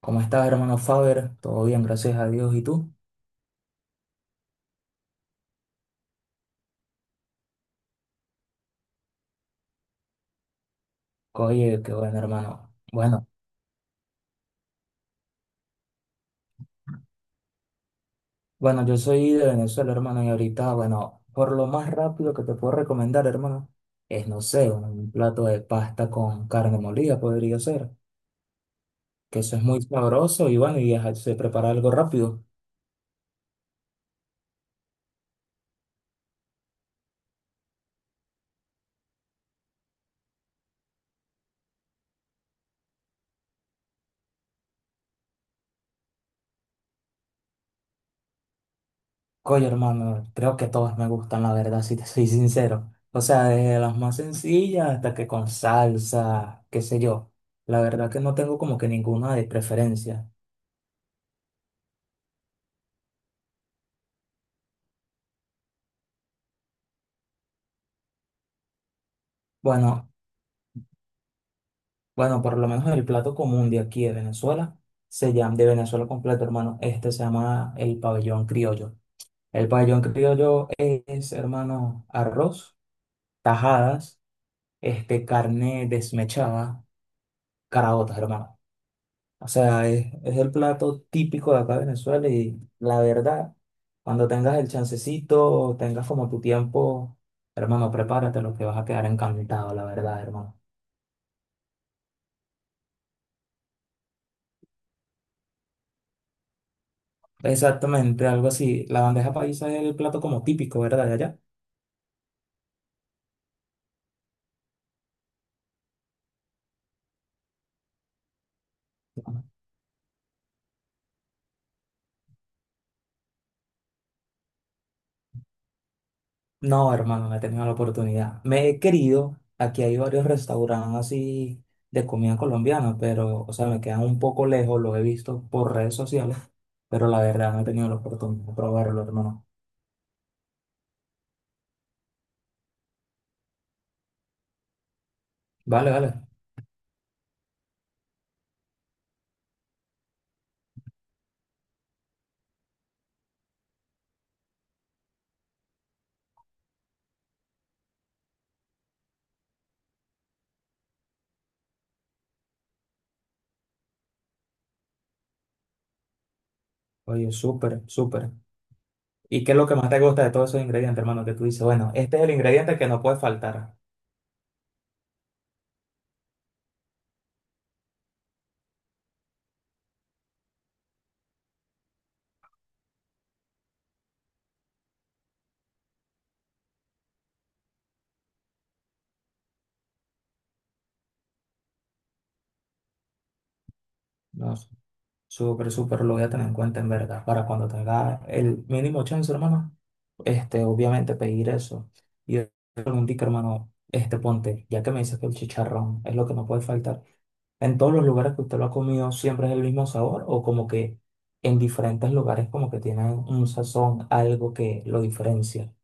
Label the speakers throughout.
Speaker 1: ¿Cómo estás, hermano Faber? Todo bien, gracias a Dios. ¿Y tú? Oye, qué bueno, hermano. Bueno, bueno, yo soy de Venezuela, hermano, y ahorita, bueno, por lo más rápido que te puedo recomendar, hermano, es, no sé, un plato de pasta con carne molida podría ser, que eso es muy sabroso y bueno, y se prepara algo rápido. Oye, hermano, creo que todas me gustan, la verdad, si te soy sincero. O sea, desde las más sencillas hasta que con salsa, qué sé yo. La verdad que no tengo como que ninguna de preferencia. Bueno, bueno, por lo menos el plato común de aquí de Venezuela, se llama, de Venezuela completo, hermano, este se llama el pabellón criollo. El pabellón criollo es, hermano, arroz, tajadas, este, carne desmechada, caraotas, hermano. O sea, es el plato típico de acá de Venezuela y la verdad, cuando tengas el chancecito, tengas como tu tiempo, hermano, prepárate lo que vas a quedar encantado, la verdad, hermano. Exactamente, algo así. La bandeja paisa es el plato como típico, ¿verdad? De allá. No, hermano, no he tenido la oportunidad. Me he querido, aquí hay varios restaurantes así de comida colombiana, pero, o sea, me quedan un poco lejos, lo he visto por redes sociales, pero la verdad no he tenido la oportunidad de probarlo, hermano. Vale, vale. Oye, súper, súper. ¿Y qué es lo que más te gusta de todos esos ingredientes, hermano? Que tú dices, bueno, este es el ingrediente que no puede faltar. No sé. Súper, súper, lo voy a tener en cuenta en verdad, para cuando tenga el mínimo chance, hermano, este, obviamente pedir eso. Y pregunté, hermano, este, ponte, ya que me dices que el chicharrón es lo que no puede faltar, ¿en todos los lugares que usted lo ha comido siempre es el mismo sabor o como que en diferentes lugares como que tienen un sazón, algo que lo diferencia?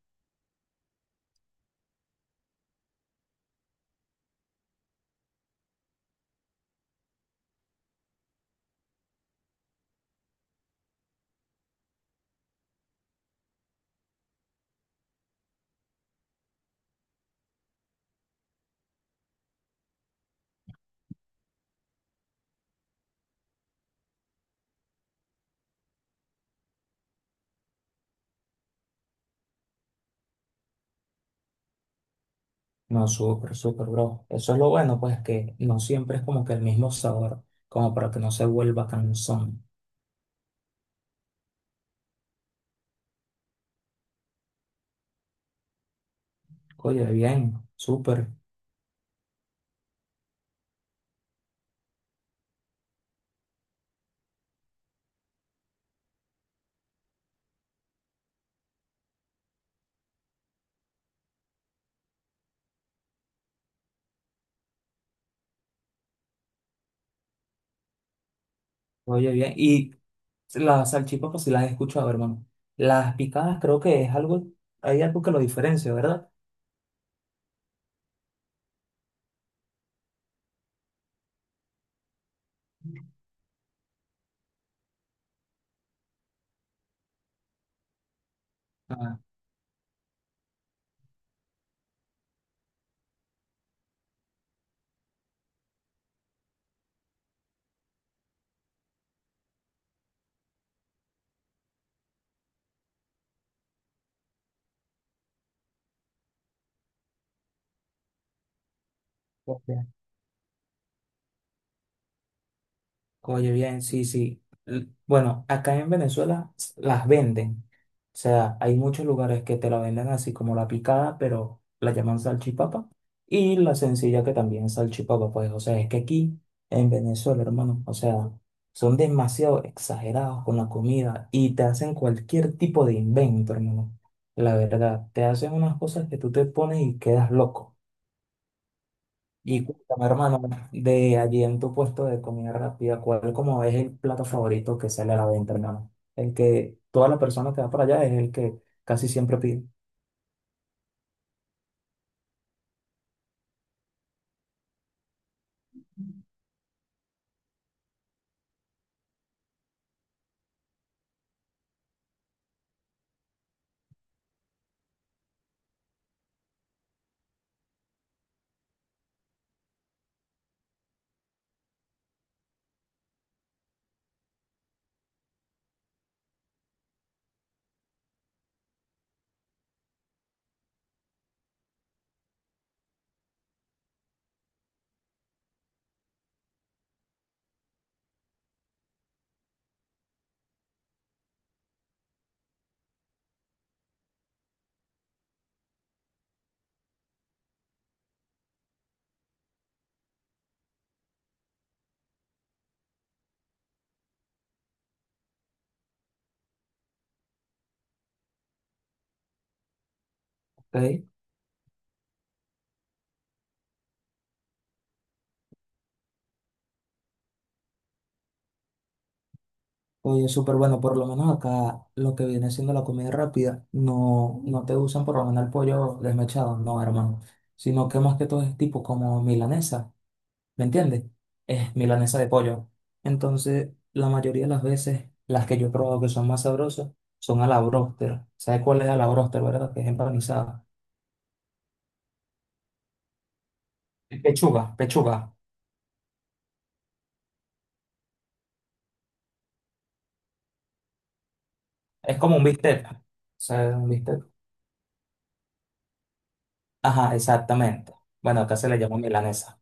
Speaker 1: No, súper, súper, bro. Eso es lo bueno, pues que no siempre es como que el mismo sabor, como para que no se vuelva cansón. Oye, bien, súper. Oye, bien. Y las salchipas, pues sí las he escuchado, hermano. Las picadas creo que es algo, hay algo que lo diferencia, ¿verdad? Ah, ok. Oye, bien, sí, sí. Bueno, acá en Venezuela las venden. O sea, hay muchos lugares que te la venden así como la picada, pero la llaman salchipapa. Y la sencilla que también es salchipapa, pues, o sea, es que aquí en Venezuela, hermano, o sea, son demasiado exagerados con la comida y te hacen cualquier tipo de invento, hermano. La verdad, te hacen unas cosas que tú te pones y quedas loco. Y cuéntame, hermano, de allí en tu puesto de comida rápida, ¿cuál como es el plato favorito que sale a la venta, hermano? El que toda la persona que va para allá es el que casi siempre pide. Ok. Oye, súper bueno, por lo menos acá lo que viene siendo la comida rápida, no, no te usan por lo menos el pollo desmechado, no, hermano, sino que más que todo es tipo como milanesa. ¿Me entiendes? Es milanesa de pollo. Entonces, la mayoría de las veces, las que yo probo que son más sabrosas, son a la bróster. ¿Sabes cuál es a la bróster, verdad? Que es empanizada. Es pechuga, pechuga. Es como un bistec. ¿Sabes un bistec? Ajá, exactamente. Bueno, acá se le llama milanesa.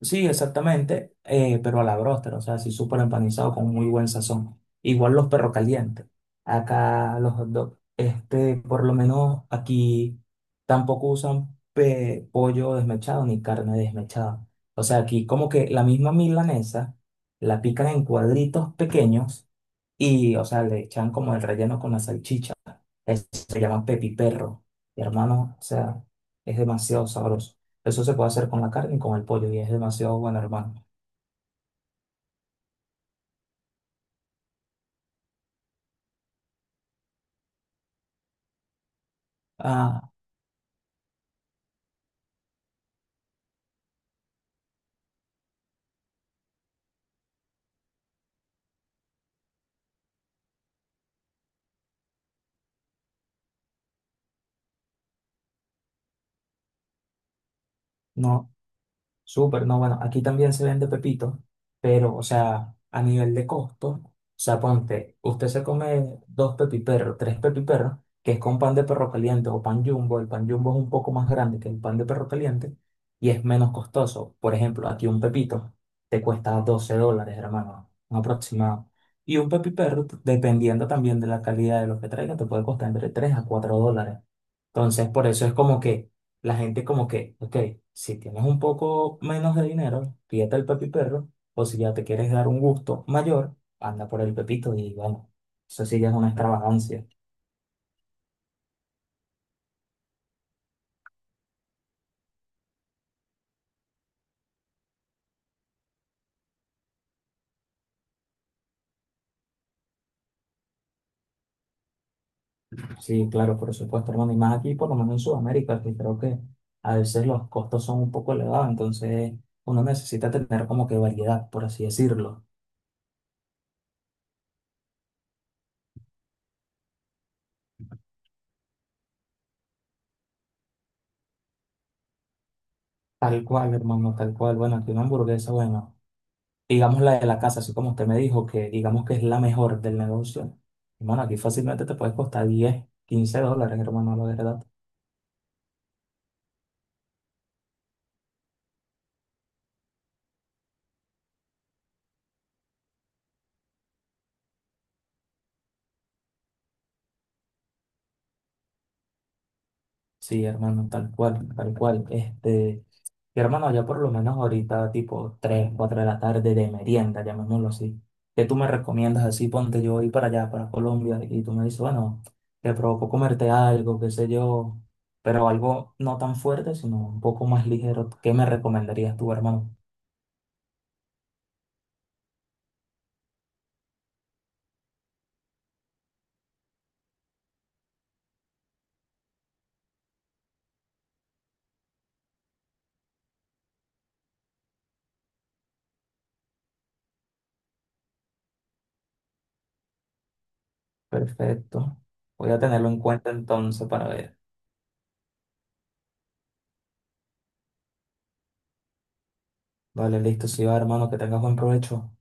Speaker 1: Sí, exactamente, pero a la bróster, o sea, así súper empanizado con muy buen sazón. Igual los perros calientes, acá los hot dogs, este, por lo menos aquí tampoco usan pollo desmechado ni carne desmechada. O sea, aquí como que la misma milanesa la pican en cuadritos pequeños y, o sea, le echan como el relleno con la salchicha. Eso se llama pepiperro. Y hermano, o sea, es demasiado sabroso. Eso se puede hacer con la carne y con el pollo y es demasiado bueno, hermano. Ah, no, súper, no, bueno, aquí también se vende pepito, pero, o sea, a nivel de costo, o sea, ponte, usted se come dos pepiperros, tres pepiperros, que es con pan de perro caliente o pan jumbo, el pan jumbo es un poco más grande que el pan de perro caliente y es menos costoso. Por ejemplo, aquí un pepito te cuesta $12, hermano, un aproximado. Y un pepiperro, dependiendo también de la calidad de lo que traiga, te puede costar entre 3 a 4 dólares. Entonces, por eso es como que la gente como que, ok, si tienes un poco menos de dinero, pídete el Pepi Perro, o si ya te quieres dar un gusto mayor, anda por el Pepito y bueno, eso sí ya es una extravagancia. Sí, claro, por supuesto, hermano, y más aquí, por lo menos en Sudamérica, que creo que a veces los costos son un poco elevados, entonces uno necesita tener como que variedad, por así decirlo. Tal cual, hermano, tal cual. Bueno, aquí una hamburguesa, bueno, digamos la de la casa, así como usted me dijo, que digamos que es la mejor del negocio. Hermano, aquí fácilmente te puede costar 10 15 dólares, hermano, la verdad. Sí, hermano, tal cual, tal cual. Este, y hermano, ya por lo menos ahorita, tipo 3 4 de la tarde de merienda, llamémoslo así. ¿Qué tú me recomiendas así? Ponte yo voy para allá, para Colombia, y tú me dices, bueno, te provoco comerte algo, qué sé yo, pero algo no tan fuerte, sino un poco más ligero. ¿Qué me recomendarías tú, hermano? Perfecto. Voy a tenerlo en cuenta entonces para ver. Vale, listo, sí va, hermano, que tengas buen provecho.